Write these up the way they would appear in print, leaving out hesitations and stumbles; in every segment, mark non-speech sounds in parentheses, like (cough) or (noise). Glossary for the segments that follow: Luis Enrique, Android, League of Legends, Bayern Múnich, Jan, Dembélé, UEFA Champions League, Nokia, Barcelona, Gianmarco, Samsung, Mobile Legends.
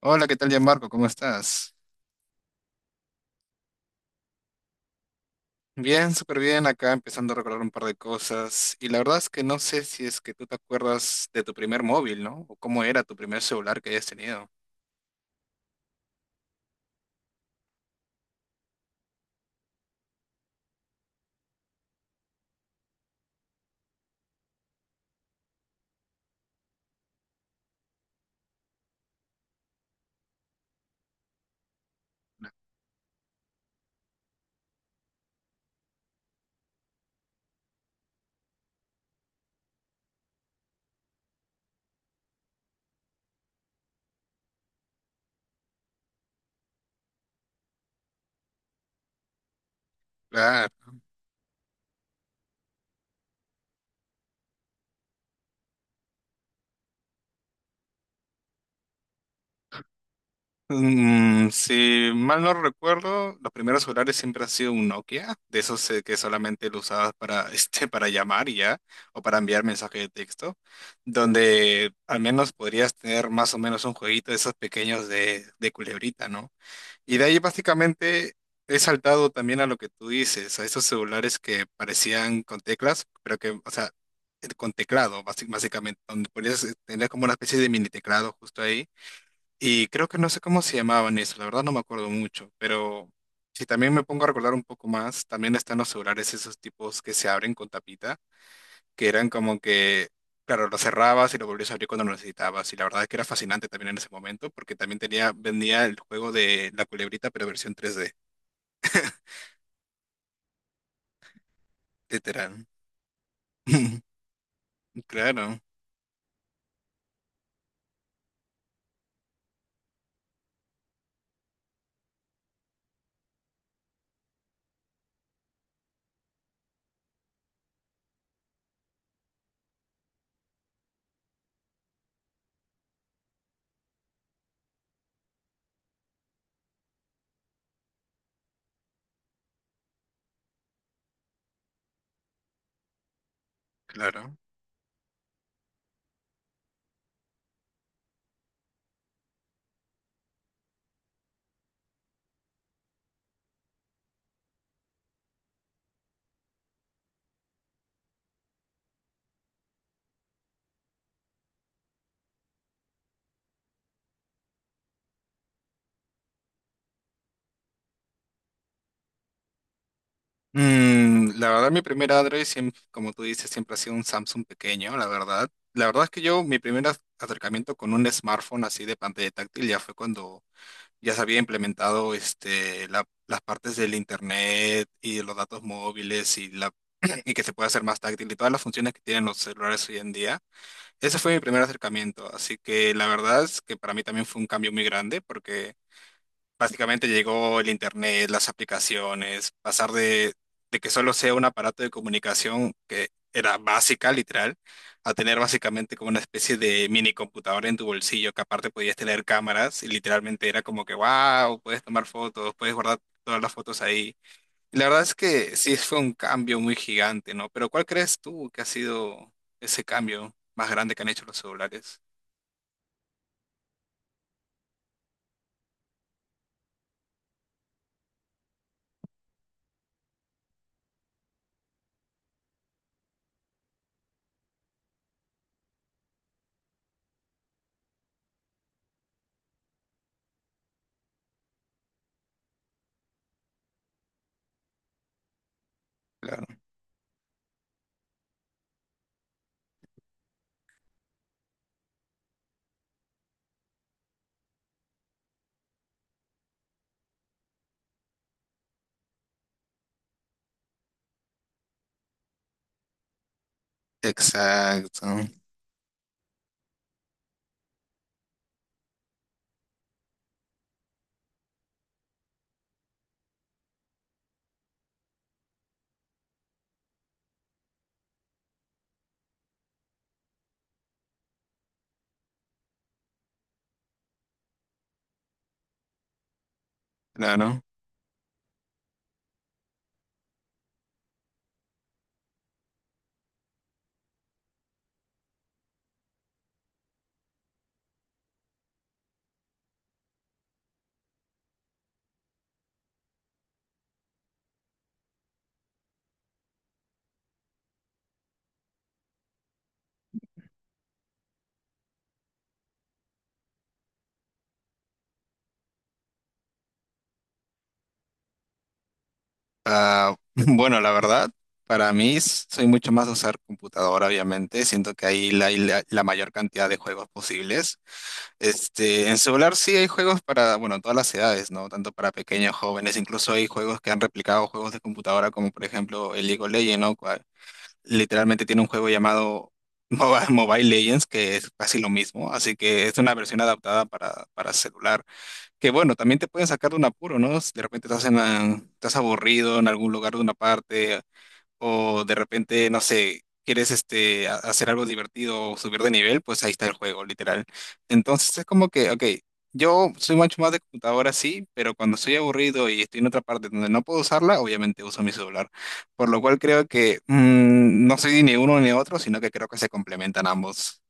Hola, ¿qué tal, Gianmarco? ¿Cómo estás? Bien, súper bien, acá empezando a recordar un par de cosas. Y la verdad es que no sé si es que tú te acuerdas de tu primer móvil, ¿no? O cómo era tu primer celular que hayas tenido. Claro. Si mal no recuerdo, los primeros celulares siempre ha sido un Nokia, de esos que solamente lo usabas para, (laughs) este, para llamar y ya, o para enviar mensaje de texto, donde al menos podrías tener más o menos un jueguito de esos pequeños de culebrita, ¿no? Y de ahí básicamente he saltado también a lo que tú dices, a esos celulares que parecían con teclas, pero que, o sea, con teclado, básicamente, donde podías tener como una especie de mini teclado justo ahí. Y creo que no sé cómo se llamaban eso, la verdad no me acuerdo mucho, pero si también me pongo a recordar un poco más, también están los celulares esos tipos que se abren con tapita que eran como que, claro, lo cerrabas y lo volvías a abrir cuando lo necesitabas. Y la verdad es que era fascinante también en ese momento, porque también tenía, vendía el juego de la culebrita, pero versión tres d literal. (laughs) Claro, claro. La verdad, mi primer Android, siempre, como tú dices, siempre ha sido un Samsung pequeño, la verdad. La verdad es que yo, mi primer acercamiento con un smartphone así de pantalla táctil ya fue cuando ya se había implementado este, las partes del internet y de los datos móviles y, la, (clears throat) y que se puede hacer más táctil y todas las funciones que tienen los celulares hoy en día. Ese fue mi primer acercamiento, así que la verdad es que para mí también fue un cambio muy grande porque básicamente llegó el internet, las aplicaciones, pasar de que solo sea un aparato de comunicación que era básica, literal, a tener básicamente como una especie de mini computadora en tu bolsillo, que aparte podías tener cámaras y literalmente era como que, wow, puedes tomar fotos, puedes guardar todas las fotos ahí. Y la verdad es que sí fue un cambio muy gigante, ¿no? Pero ¿cuál crees tú que ha sido ese cambio más grande que han hecho los celulares? Claro. Exacto, claro. Ah, (laughs) bueno, la verdad, para mí soy mucho más de usar computadora, obviamente. Siento que ahí hay la, la mayor cantidad de juegos posibles. Este, en celular sí hay juegos para, bueno, todas las edades, ¿no? Tanto para pequeños, jóvenes, incluso hay juegos que han replicado juegos de computadora, como por ejemplo el League of Legends, ¿no? Cual- literalmente tiene un juego llamado Mobile, (laughs) Mobile Legends, que es casi lo mismo. Así que es una versión adaptada para celular. Que bueno, también te pueden sacar de un apuro, ¿no? Si de repente estás, estás aburrido en algún lugar de una parte o de repente, no sé, quieres este, hacer algo divertido o subir de nivel, pues ahí está el juego, literal. Entonces es como que, ok, yo soy mucho más de computadora, sí, pero cuando estoy aburrido y estoy en otra parte donde no puedo usarla, obviamente uso mi celular. Por lo cual creo que no soy ni uno ni otro, sino que creo que se complementan ambos.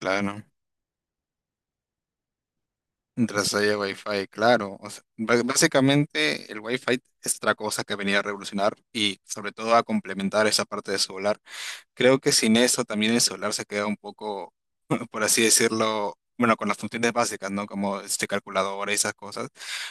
Claro. Mientras haya Wi-Fi, claro. O sea, básicamente el Wi-Fi es otra cosa que venía a revolucionar y sobre todo a complementar esa parte de solar. Creo que sin eso también el celular se queda un poco, (laughs) por así decirlo, bueno, con las funciones básicas, ¿no? Como este calculadora y esas cosas.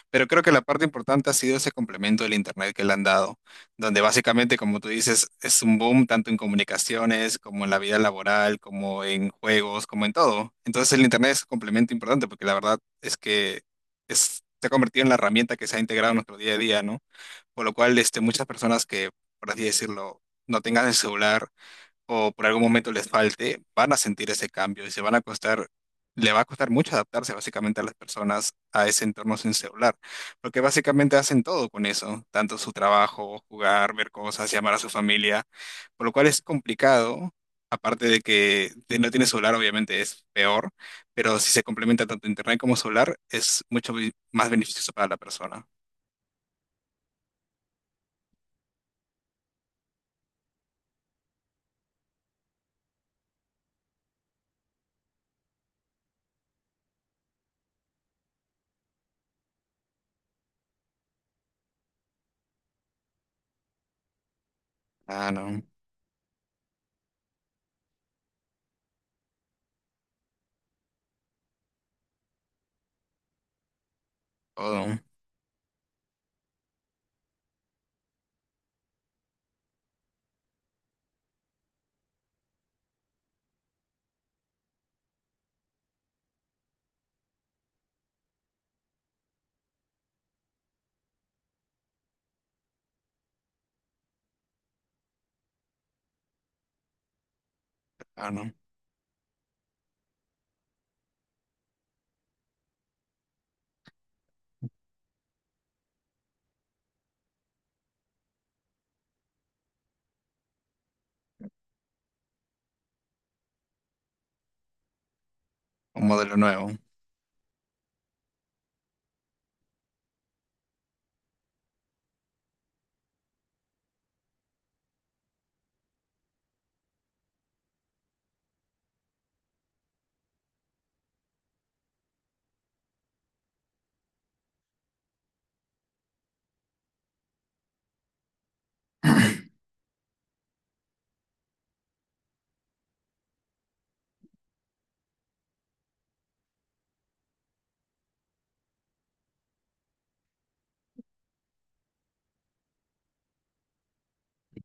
Pero creo que la parte importante ha sido ese complemento del Internet que le han dado, donde básicamente, como tú dices, es un boom tanto en comunicaciones como en la vida laboral, como en juegos, como en todo. Entonces el Internet es un complemento importante porque la verdad es que se ha convertido en la herramienta que se ha integrado en nuestro día a día, ¿no? Por lo cual, este, muchas personas que, por así decirlo, no tengan el celular, o por algún momento les falte, van a sentir ese cambio y se van a costar, le va a costar mucho adaptarse básicamente a las personas a ese entorno sin celular, porque básicamente hacen todo con eso, tanto su trabajo, jugar, ver cosas, llamar a su familia, por lo cual es complicado. Aparte de que si no tiene celular, obviamente es peor, pero si se complementa tanto internet como solar es mucho más beneficioso para la persona. Ah, no. Todo. Ah, no. Un modelo nuevo.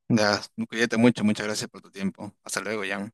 Ya, cuídate mucho, muchas gracias por tu tiempo. Hasta luego, Jan.